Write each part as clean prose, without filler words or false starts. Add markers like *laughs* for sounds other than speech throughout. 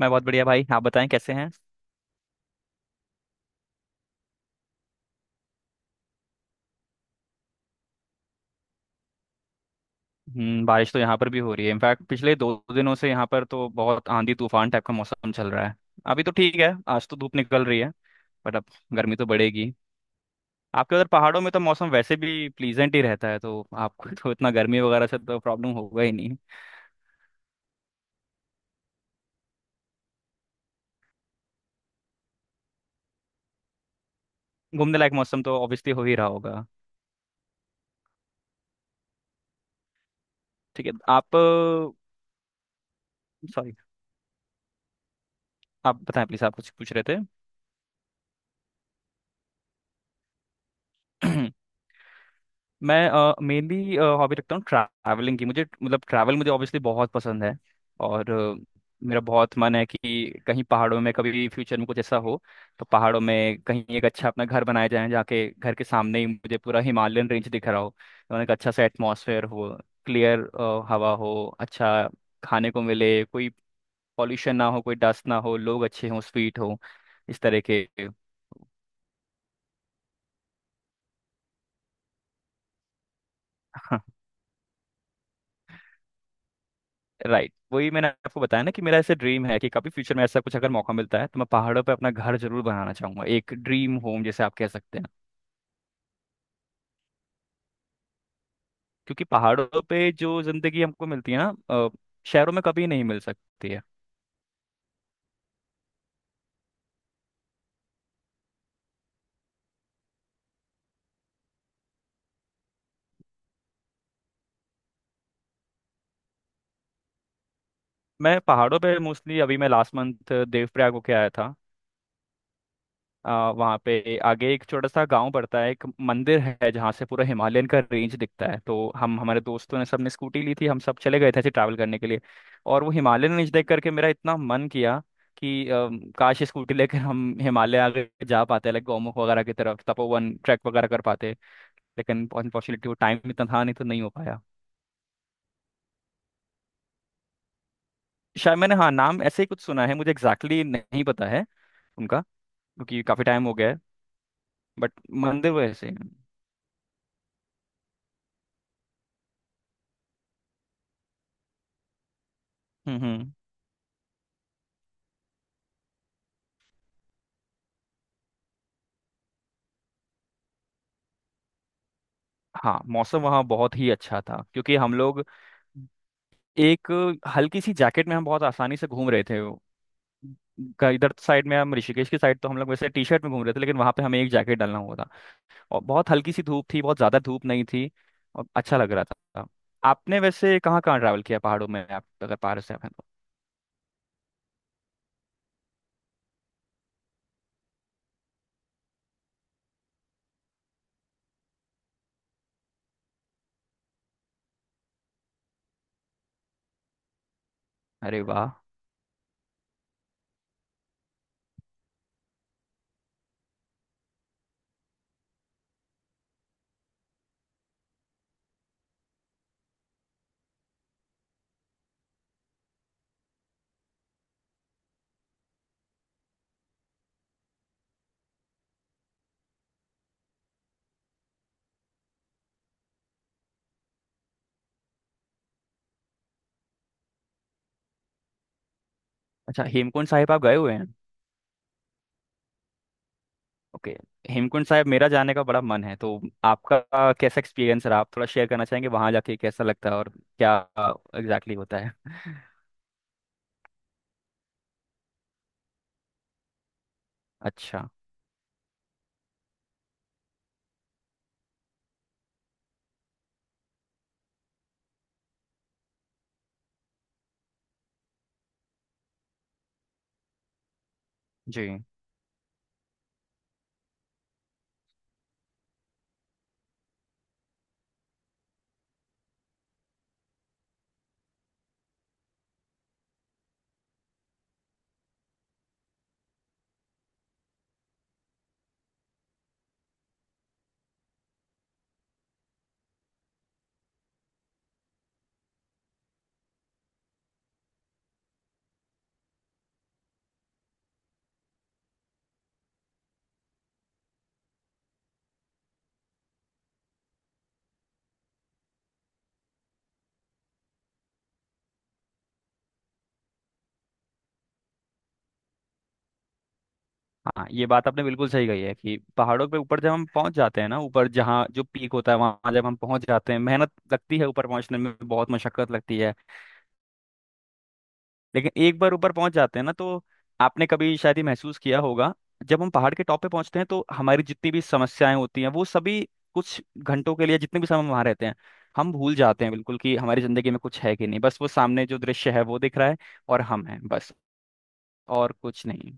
मैं बहुत बढ़िया भाई। आप बताएं कैसे हैं। बारिश तो यहाँ पर भी हो रही है। इनफैक्ट पिछले 2 दिनों से यहाँ पर तो बहुत आंधी तूफान टाइप का मौसम चल रहा है। अभी तो ठीक है, आज तो धूप निकल रही है। बट अब गर्मी तो बढ़ेगी। आपके उधर पहाड़ों में तो मौसम वैसे भी प्लीजेंट ही रहता है, तो आपको तो इतना गर्मी वगैरह से तो प्रॉब्लम होगा ही नहीं। घूमने लायक मौसम तो ऑब्वियसली हो ही रहा होगा। ठीक है आप। सॉरी, आप बताएं प्लीज। आप कुछ पूछ रहे थे। *clears throat* मैं मेनली हॉबी रखता हूँ ट्रैवलिंग की। मुझे मतलब ट्रैवल मुझे ऑब्वियसली बहुत पसंद है। और मेरा बहुत मन है कि कहीं पहाड़ों में कभी फ्यूचर में कुछ ऐसा हो तो पहाड़ों में कहीं एक अच्छा अपना घर बनाया जाए, जहाँ के घर के सामने ही मुझे पूरा हिमालयन रेंज दिख रहा हो। तो एक अच्छा सा एटमॉस्फेयर हो, क्लियर हवा हो, अच्छा खाने को मिले, कोई पॉल्यूशन ना हो, कोई डस्ट ना हो, लोग अच्छे हों, स्वीट हो, इस तरह के। राइट, वही मैंने आपको बताया ना कि मेरा ऐसे ड्रीम है कि कभी फ्यूचर में ऐसा कुछ अगर मौका मिलता है तो मैं पहाड़ों पे अपना घर जरूर बनाना चाहूंगा। एक ड्रीम होम जैसे आप कह सकते हैं। क्योंकि पहाड़ों पे जो जिंदगी हमको मिलती है ना शहरों में कभी नहीं मिल सकती है। मैं पहाड़ों पे मोस्टली, अभी मैं लास्ट मंथ देवप्रयाग होके आया था। वहाँ पे आगे एक छोटा सा गांव पड़ता है, एक मंदिर है जहाँ से पूरा हिमालयन का रेंज दिखता है। तो हम हमारे दोस्तों ने सबने स्कूटी ली थी, हम सब चले गए थे ऐसे ट्रैवल करने के लिए। और वो हिमालयन रेंज देख करके मेरा इतना मन किया कि काश ये स्कूटी लेकर हम हिमालय आगे जा पाते, लाइक गौमुख वगैरह की तरफ, तपोवन ट्रैक वगैरह कर पाते। लेकिन अनफॉर्चुनेटली वो टाइम इतना था नहीं तो नहीं हो पाया। शायद, मैंने हाँ नाम ऐसे ही कुछ सुना है, मुझे एग्जैक्टली नहीं पता है उनका, क्योंकि काफी टाइम हो गया है। बट मंदिर वो ऐसे ही हैं। हम्म। हम्म। हाँ, मौसम वहाँ बहुत ही अच्छा था, क्योंकि हम लोग एक हल्की सी जैकेट में हम बहुत आसानी से घूम रहे थे। इधर साइड में हम ऋषिकेश की साइड तो हम लोग वैसे टी शर्ट में घूम रहे थे, लेकिन वहां पे हमें एक जैकेट डालना हुआ था। और बहुत हल्की सी धूप थी, बहुत ज्यादा धूप नहीं थी। और अच्छा लग रहा था। आपने वैसे कहाँ कहाँ ट्रैवल किया पहाड़ों में, आप अगर पहाड़ से आप हैं तो? अरे वाह, अच्छा, हेमकुंड साहिब आप गए हुए हैं? ओके। हेमकुंड साहिब मेरा जाने का बड़ा मन है, तो आपका कैसा एक्सपीरियंस रहा? आप थोड़ा शेयर करना चाहेंगे वहां जाके कैसा लगता है और क्या एग्जैक्टली exactly होता है। *laughs* अच्छा। जी। हाँ, ये बात आपने बिल्कुल सही कही है कि पहाड़ों पे ऊपर जब हम पहुंच जाते हैं ना, ऊपर जहाँ जो पीक होता है वहां जब हम पहुंच जाते हैं, मेहनत लगती है ऊपर पहुंचने में, बहुत मशक्कत लगती है, लेकिन एक बार ऊपर पहुंच जाते हैं ना तो आपने कभी शायद ये महसूस किया होगा, जब हम पहाड़ के टॉप पे पहुंचते हैं तो हमारी जितनी भी समस्याएं होती हैं वो सभी कुछ घंटों के लिए, जितने भी समय हम वहां रहते हैं, हम भूल जाते हैं बिल्कुल कि हमारी जिंदगी में कुछ है कि नहीं, बस वो सामने जो दृश्य है वो दिख रहा है और हम हैं बस, और कुछ नहीं।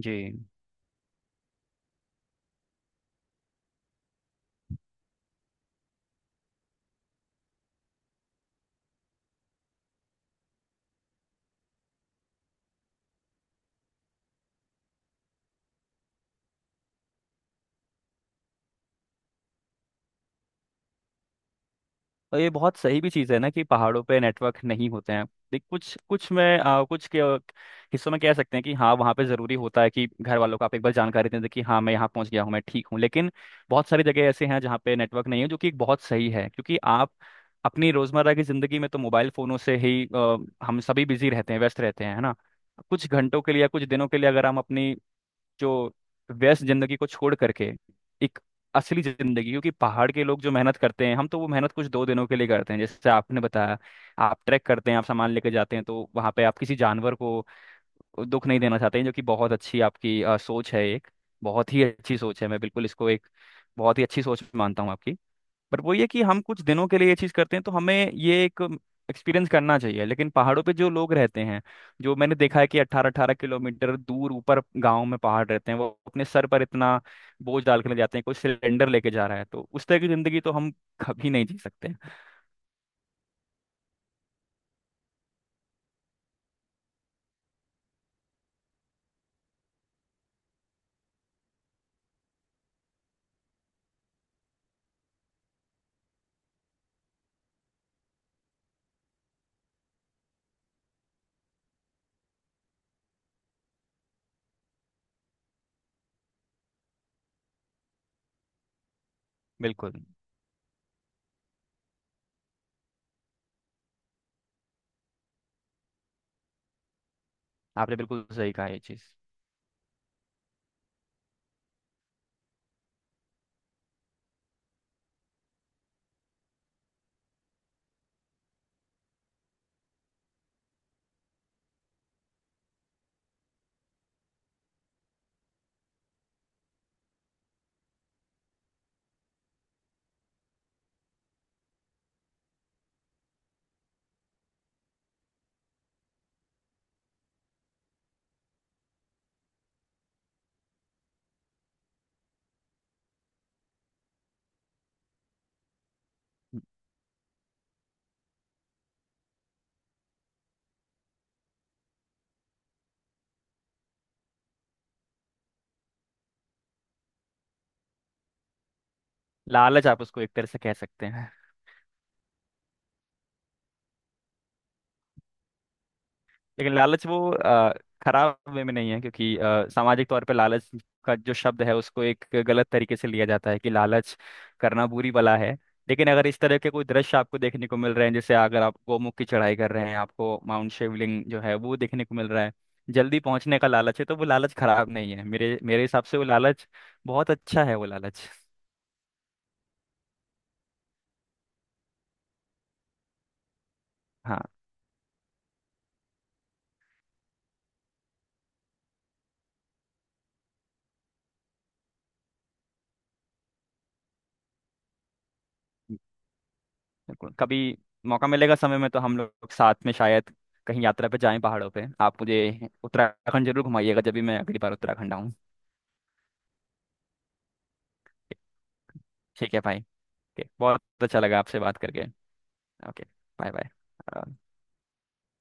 जी। और ये बहुत सही भी चीज़ है ना कि पहाड़ों पे नेटवर्क नहीं होते हैं। देख कुछ कुछ में कुछ के हिस्सों में कह सकते हैं कि हाँ वहाँ पे ज़रूरी होता है कि घर वालों को आप एक बार जानकारी दें दें कि हाँ मैं यहाँ पहुँच गया हूँ, मैं ठीक हूँ, लेकिन बहुत सारी जगह ऐसे हैं जहाँ पे नेटवर्क नहीं है, जो कि एक बहुत सही है, क्योंकि आप अपनी रोज़मर्रा की ज़िंदगी में तो मोबाइल फ़ोनों से ही हम सभी बिजी रहते हैं, व्यस्त रहते हैं, है ना? कुछ घंटों के लिए या कुछ दिनों के लिए अगर हम अपनी जो व्यस्त जिंदगी को छोड़ करके एक असली जिंदगी, क्योंकि पहाड़ के लोग जो मेहनत करते हैं हम तो वो मेहनत कुछ 2 दिनों के लिए करते हैं जैसे आपने बताया, आप ट्रैक करते हैं, आप सामान लेके जाते हैं तो वहां पे आप किसी जानवर को दुख नहीं देना चाहते हैं, जो कि बहुत अच्छी आपकी सोच है, एक बहुत ही अच्छी सोच है, मैं बिल्कुल इसको एक बहुत ही अच्छी सोच मानता हूँ आपकी। बट वो ये कि हम कुछ दिनों के लिए ये चीज़ करते हैं तो हमें ये एक एक्सपीरियंस करना चाहिए, लेकिन पहाड़ों पे जो लोग रहते हैं, जो मैंने देखा है कि अट्ठारह अट्ठारह किलोमीटर दूर ऊपर गाँव में पहाड़ रहते हैं, वो अपने सर पर इतना बोझ डाल के ले जाते हैं, कोई सिलेंडर लेके जा रहा है, तो उस तरह की जिंदगी तो हम कभी नहीं जी सकते। बिल्कुल। आपने बिल्कुल सही कहा ये चीज़। लालच आप उसको एक तरह से कह सकते हैं। लेकिन लालच वो खराब वे में नहीं है, क्योंकि सामाजिक तौर पे लालच का जो शब्द है उसको एक गलत तरीके से लिया जाता है कि लालच करना बुरी बला है। लेकिन अगर इस तरह के कोई दृश्य आपको देखने को मिल रहे हैं, जैसे अगर आप गोमुख की चढ़ाई कर रहे हैं, आपको माउंट शिवलिंग जो है वो देखने को मिल रहा है, जल्दी पहुंचने का लालच है तो वो लालच खराब नहीं है। मेरे मेरे हिसाब से वो लालच बहुत अच्छा है वो लालच। हाँ, बिल्कुल, कभी मौका मिलेगा समय में तो हम लोग साथ में शायद कहीं यात्रा पे जाएं पहाड़ों पे। आप मुझे उत्तराखंड जरूर घुमाइएगा जब भी मैं अगली बार उत्तराखंड आऊँ। ठीक है भाई। ओके, बहुत अच्छा लगा आपसे बात करके। Okay, bye bye.